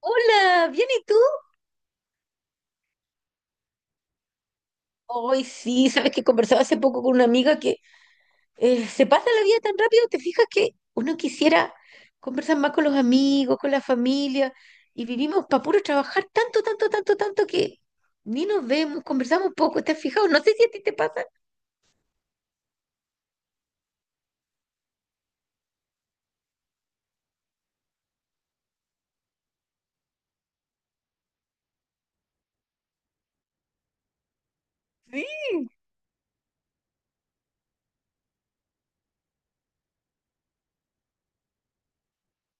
Hola, ¿bien y tú? Hoy sí, sabes que conversaba hace poco con una amiga que se pasa la vida tan rápido, te fijas que uno quisiera conversar más con los amigos, con la familia, y vivimos para puro trabajar tanto, tanto, tanto, tanto que ni nos vemos, conversamos poco, ¿te has fijado? No sé si a ti te pasa. Sí,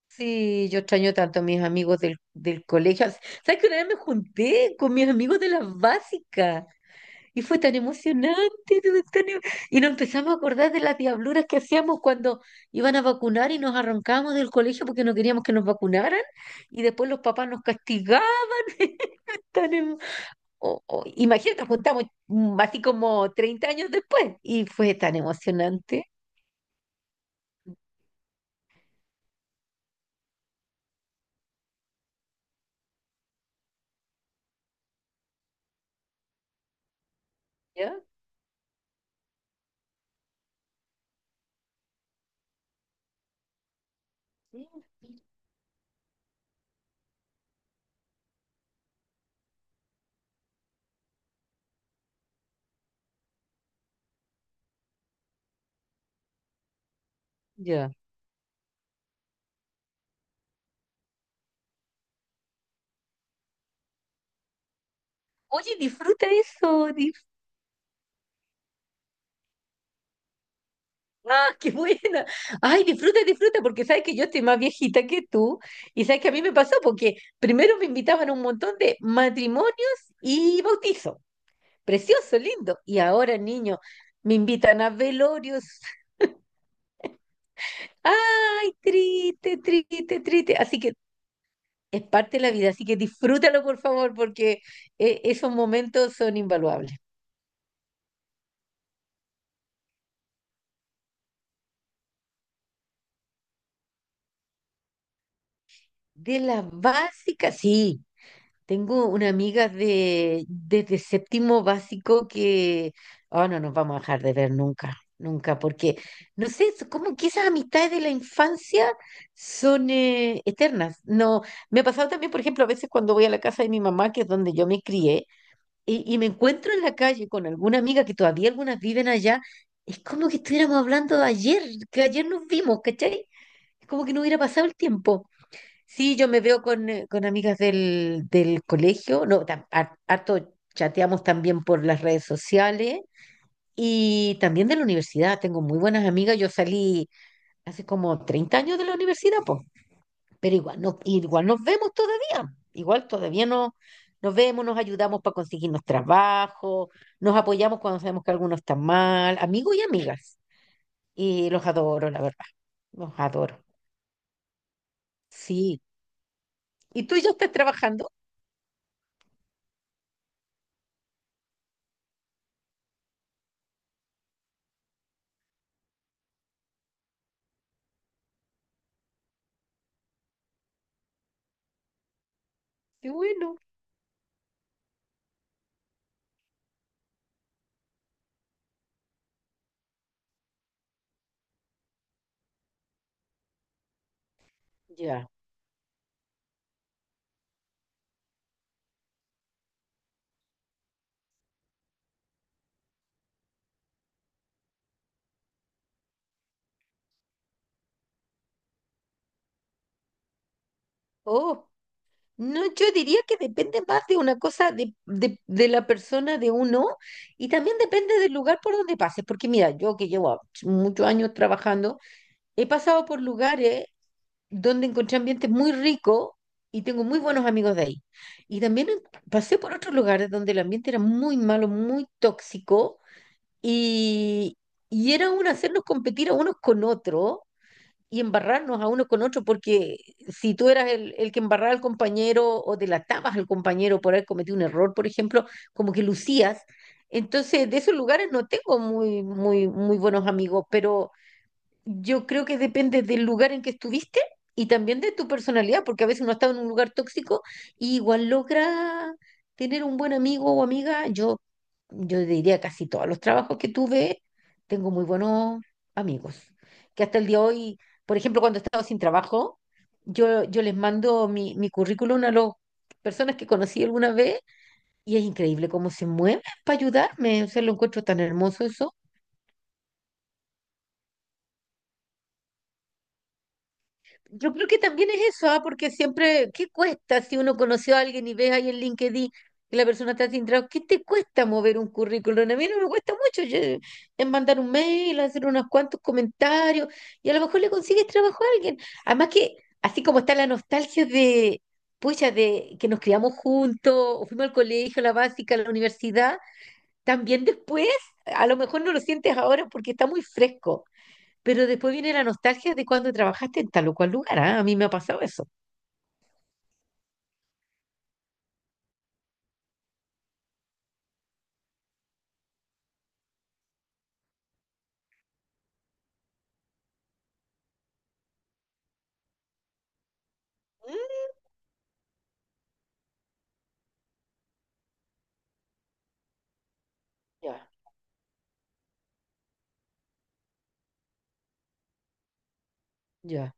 sí, yo extraño tanto a mis amigos del colegio. ¿Sabes que una vez me junté con mis amigos de la básica? Y fue tan emocionante, todo y nos empezamos a acordar de las diabluras que hacíamos cuando iban a vacunar y nos arrancábamos del colegio porque no queríamos que nos vacunaran, y después los papás nos castigaban. Tan em- o- Imagínate, nos juntamos así como 30 años después, y fue tan emocionante. ¿Ya? Mm. Ya. Oye, disfruta eso. Ah, qué buena. Ay, disfruta, disfruta, porque sabes que yo estoy más viejita que tú y sabes que a mí me pasó porque primero me invitaban a un montón de matrimonios y bautizos. Precioso, lindo. Y ahora, niño, me invitan a velorios. Ay, triste, triste, triste. Así que es parte de la vida, así que disfrútalo, por favor, porque esos momentos son invaluables. De las básicas, sí. Tengo una amiga desde séptimo básico que, oh, no nos vamos a dejar de ver nunca, nunca, porque, no sé, es como que esas amistades de la infancia son eternas. No, me ha pasado también, por ejemplo, a veces cuando voy a la casa de mi mamá, que es donde yo me crié, y me encuentro en la calle con alguna amiga que todavía algunas viven allá, es como que estuviéramos hablando de ayer, que ayer nos vimos, ¿cachai? Es como que no hubiera pasado el tiempo. Sí, yo me veo con amigas del colegio, no, harto chateamos también por las redes sociales y también de la universidad, tengo muy buenas amigas. Yo salí hace como 30 años de la universidad, pues, pero igual, no, igual nos vemos todavía, igual todavía no, nos vemos, nos ayudamos para conseguirnos trabajo, nos apoyamos cuando sabemos que alguno está mal, amigos y amigas, y los adoro, la verdad, los adoro, sí. ¿Y tú ya estás trabajando? Qué bueno, ya. Oh, no, yo diría que depende más de una cosa de la persona de uno, y también depende del lugar por donde pases, porque mira, yo que llevo muchos años trabajando, he pasado por lugares donde encontré ambientes muy ricos y tengo muy buenos amigos de ahí. Y también pasé por otros lugares donde el ambiente era muy malo, muy tóxico, y, y era un hacernos competir a unos con otros y embarrarnos a uno con otro, porque si tú eras el que embarraba al compañero o delatabas al compañero por haber cometido un error, por ejemplo, como que lucías. Entonces, de esos lugares no tengo muy, muy, muy buenos amigos, pero yo creo que depende del lugar en que estuviste y también de tu personalidad, porque a veces uno está en un lugar tóxico y igual logra tener un buen amigo o amiga. Yo diría casi todos los trabajos que tuve, tengo muy buenos amigos, que hasta el día de hoy, por ejemplo, cuando he estado sin trabajo, yo les mando mi currículum a las personas que conocí alguna vez, y es increíble cómo se mueven para ayudarme. O sea, lo encuentro tan hermoso eso. Yo creo que también es eso, ¿ah? Porque siempre, ¿qué cuesta si uno conoció a alguien y ves ahí en LinkedIn que la persona está sin trabajo? ¿Qué te cuesta mover un currículum? A mí no me cuesta mucho. Yo, es mandar un mail, hacer unos cuantos comentarios y a lo mejor le consigues trabajo a alguien. Además que, así como está la nostalgia de, pucha, de que nos criamos juntos, o fuimos al colegio, a la básica, a la universidad, también después, a lo mejor no lo sientes ahora porque está muy fresco, pero después viene la nostalgia de cuando trabajaste en tal o cual lugar, ¿ah? A mí me ha pasado eso. Ya, ya,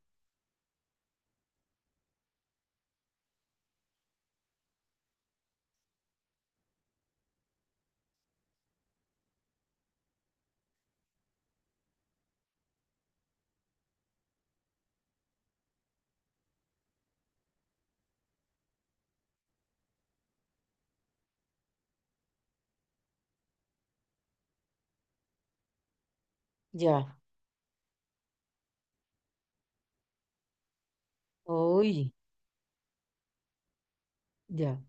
ya. Uy, ya,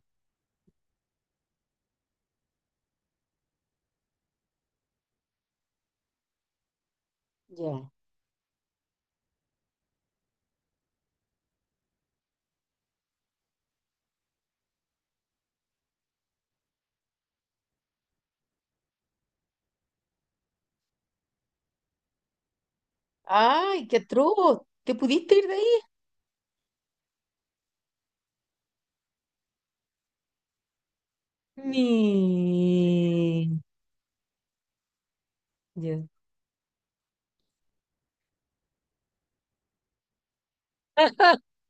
ya. ¡Ay, qué atroz! ¿Te pudiste ir de ahí? Ni. Ya.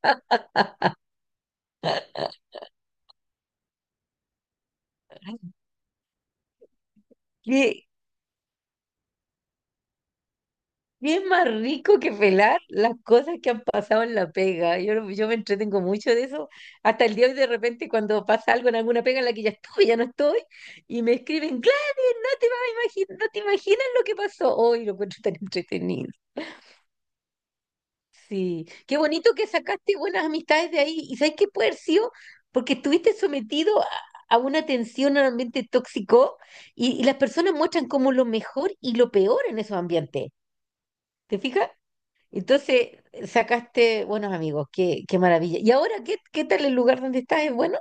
¿Qué, qué es más rico que pelar las cosas que han pasado en la pega? Yo, no- yo me entretengo mucho de eso. Hasta el día de hoy, de repente, cuando pasa algo en alguna pega en la que ya estuve, ya no estoy, y me escriben, claro, no te vas a imaginar, no te imaginas lo que pasó. Hoy lo encuentro tan entretenido. Sí, qué bonito que sacaste buenas amistades de ahí. ¿Y sabes qué puede haber sido? Porque estuviste sometido a, una tensión, a un ambiente tóxico, y las personas muestran como lo mejor y lo peor en esos ambientes. ¿Te fijas? Entonces sacaste buenos amigos, qué, qué maravilla. ¿Y ahora qué, qué tal el lugar donde estás? ¿Es bueno?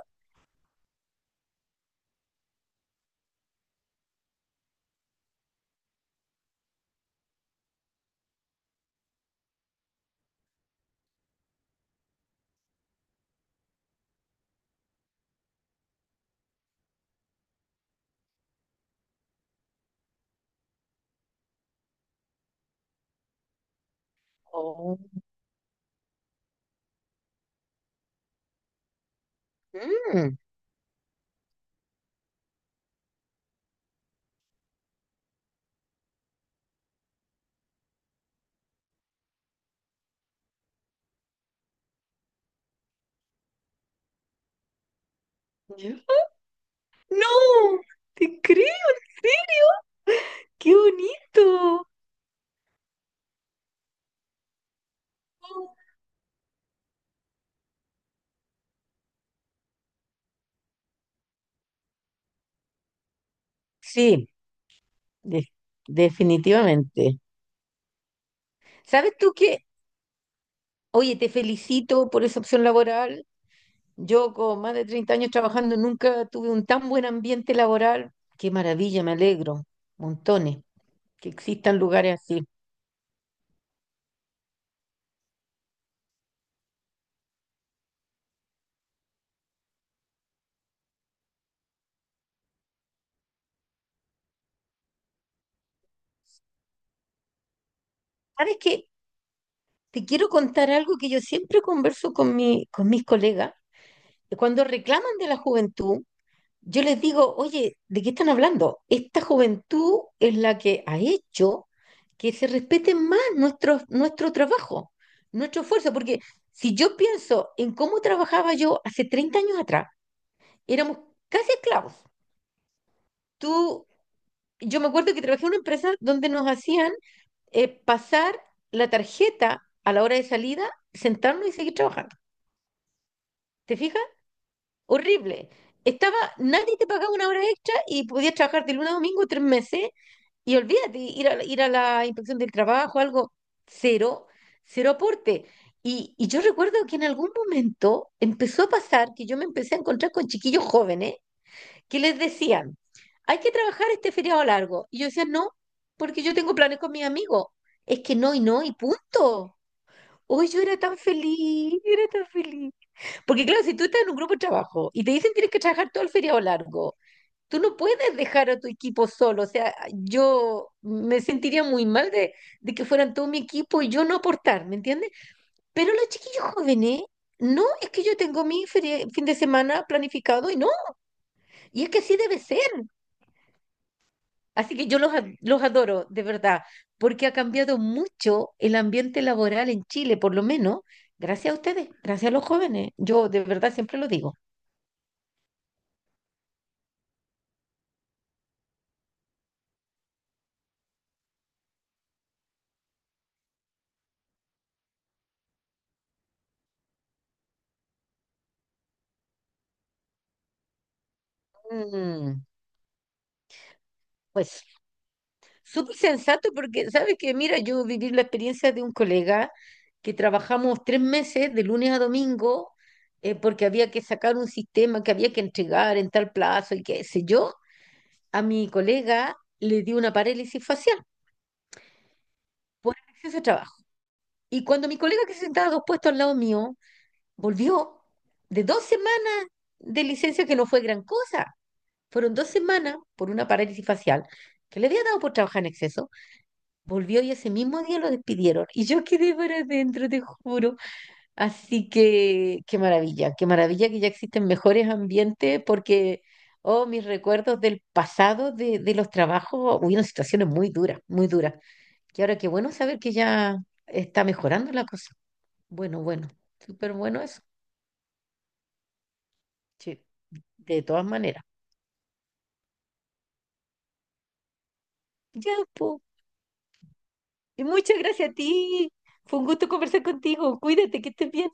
Oh. Mm. Ya. No, te creo, qué bonito. Sí, de- definitivamente. Sabes tú que, oye, te felicito por esa opción laboral. Yo con más de 30 años trabajando nunca tuve un tan buen ambiente laboral. Qué maravilla, me alegro. Montones, que existan lugares así. ¿Sabes qué? Te quiero contar algo que yo siempre converso con con mis colegas, que cuando reclaman de la juventud, yo les digo, oye, ¿de qué están hablando? Esta juventud es la que ha hecho que se respete más nuestro trabajo, nuestro esfuerzo, porque si yo pienso en cómo trabajaba yo hace 30 años atrás, éramos casi esclavos. Tú, yo me acuerdo que trabajé en una empresa donde nos hacían pasar la tarjeta a la hora de salida, sentarnos y seguir trabajando. ¿Te fijas? Horrible. Estaba, nadie te pagaba una hora extra y podías trabajar de lunes a domingo 3 meses, y olvídate, ir a la inspección del trabajo, algo, cero, cero aporte. Y yo recuerdo que en algún momento empezó a pasar que yo me empecé a encontrar con chiquillos jóvenes que les decían, hay que trabajar este feriado largo. Y yo decía, no, porque yo tengo planes con mis amigos. Es que no y no y punto. Hoy yo era tan feliz, era tan feliz. Porque claro, si tú estás en un grupo de trabajo y te dicen tienes que trabajar todo el feriado largo, tú no puedes dejar a tu equipo solo. O sea, yo me sentiría muy mal de, que fueran todo mi equipo y yo no aportar, ¿me entiendes? Pero los chiquillos jóvenes, no, es que yo tengo mi fin de semana planificado y no, y es que así debe ser. Así que yo los, los adoro, de verdad, porque ha cambiado mucho el ambiente laboral en Chile, por lo menos, gracias a ustedes, gracias a los jóvenes. Yo de verdad siempre lo digo. Mm, pues. Súper sensato porque, ¿sabes que Mira, yo viví la experiencia de un colega, que trabajamos 3 meses de lunes a domingo, porque había que sacar un sistema que había que entregar en tal plazo y qué sé yo. A mi colega le dio una parálisis facial por el exceso de trabajo. Y cuando mi colega, que se sentaba dos puestos al lado mío, volvió de 2 semanas de licencia que no fue gran cosa, fueron 2 semanas por una parálisis facial que le había dado por trabajar en exceso, volvió y ese mismo día lo despidieron. Y yo quedé para adentro, te juro. Así que qué maravilla que ya existen mejores ambientes, porque, oh, mis recuerdos del pasado, de los trabajos, hubieron situaciones muy duras, muy duras. Y ahora qué bueno saber que ya está mejorando la cosa. Bueno, bueno, súper bueno eso. Sí, de todas maneras. Ya, po. Y muchas gracias a ti. Fue un gusto conversar contigo. Cuídate, que estés bien.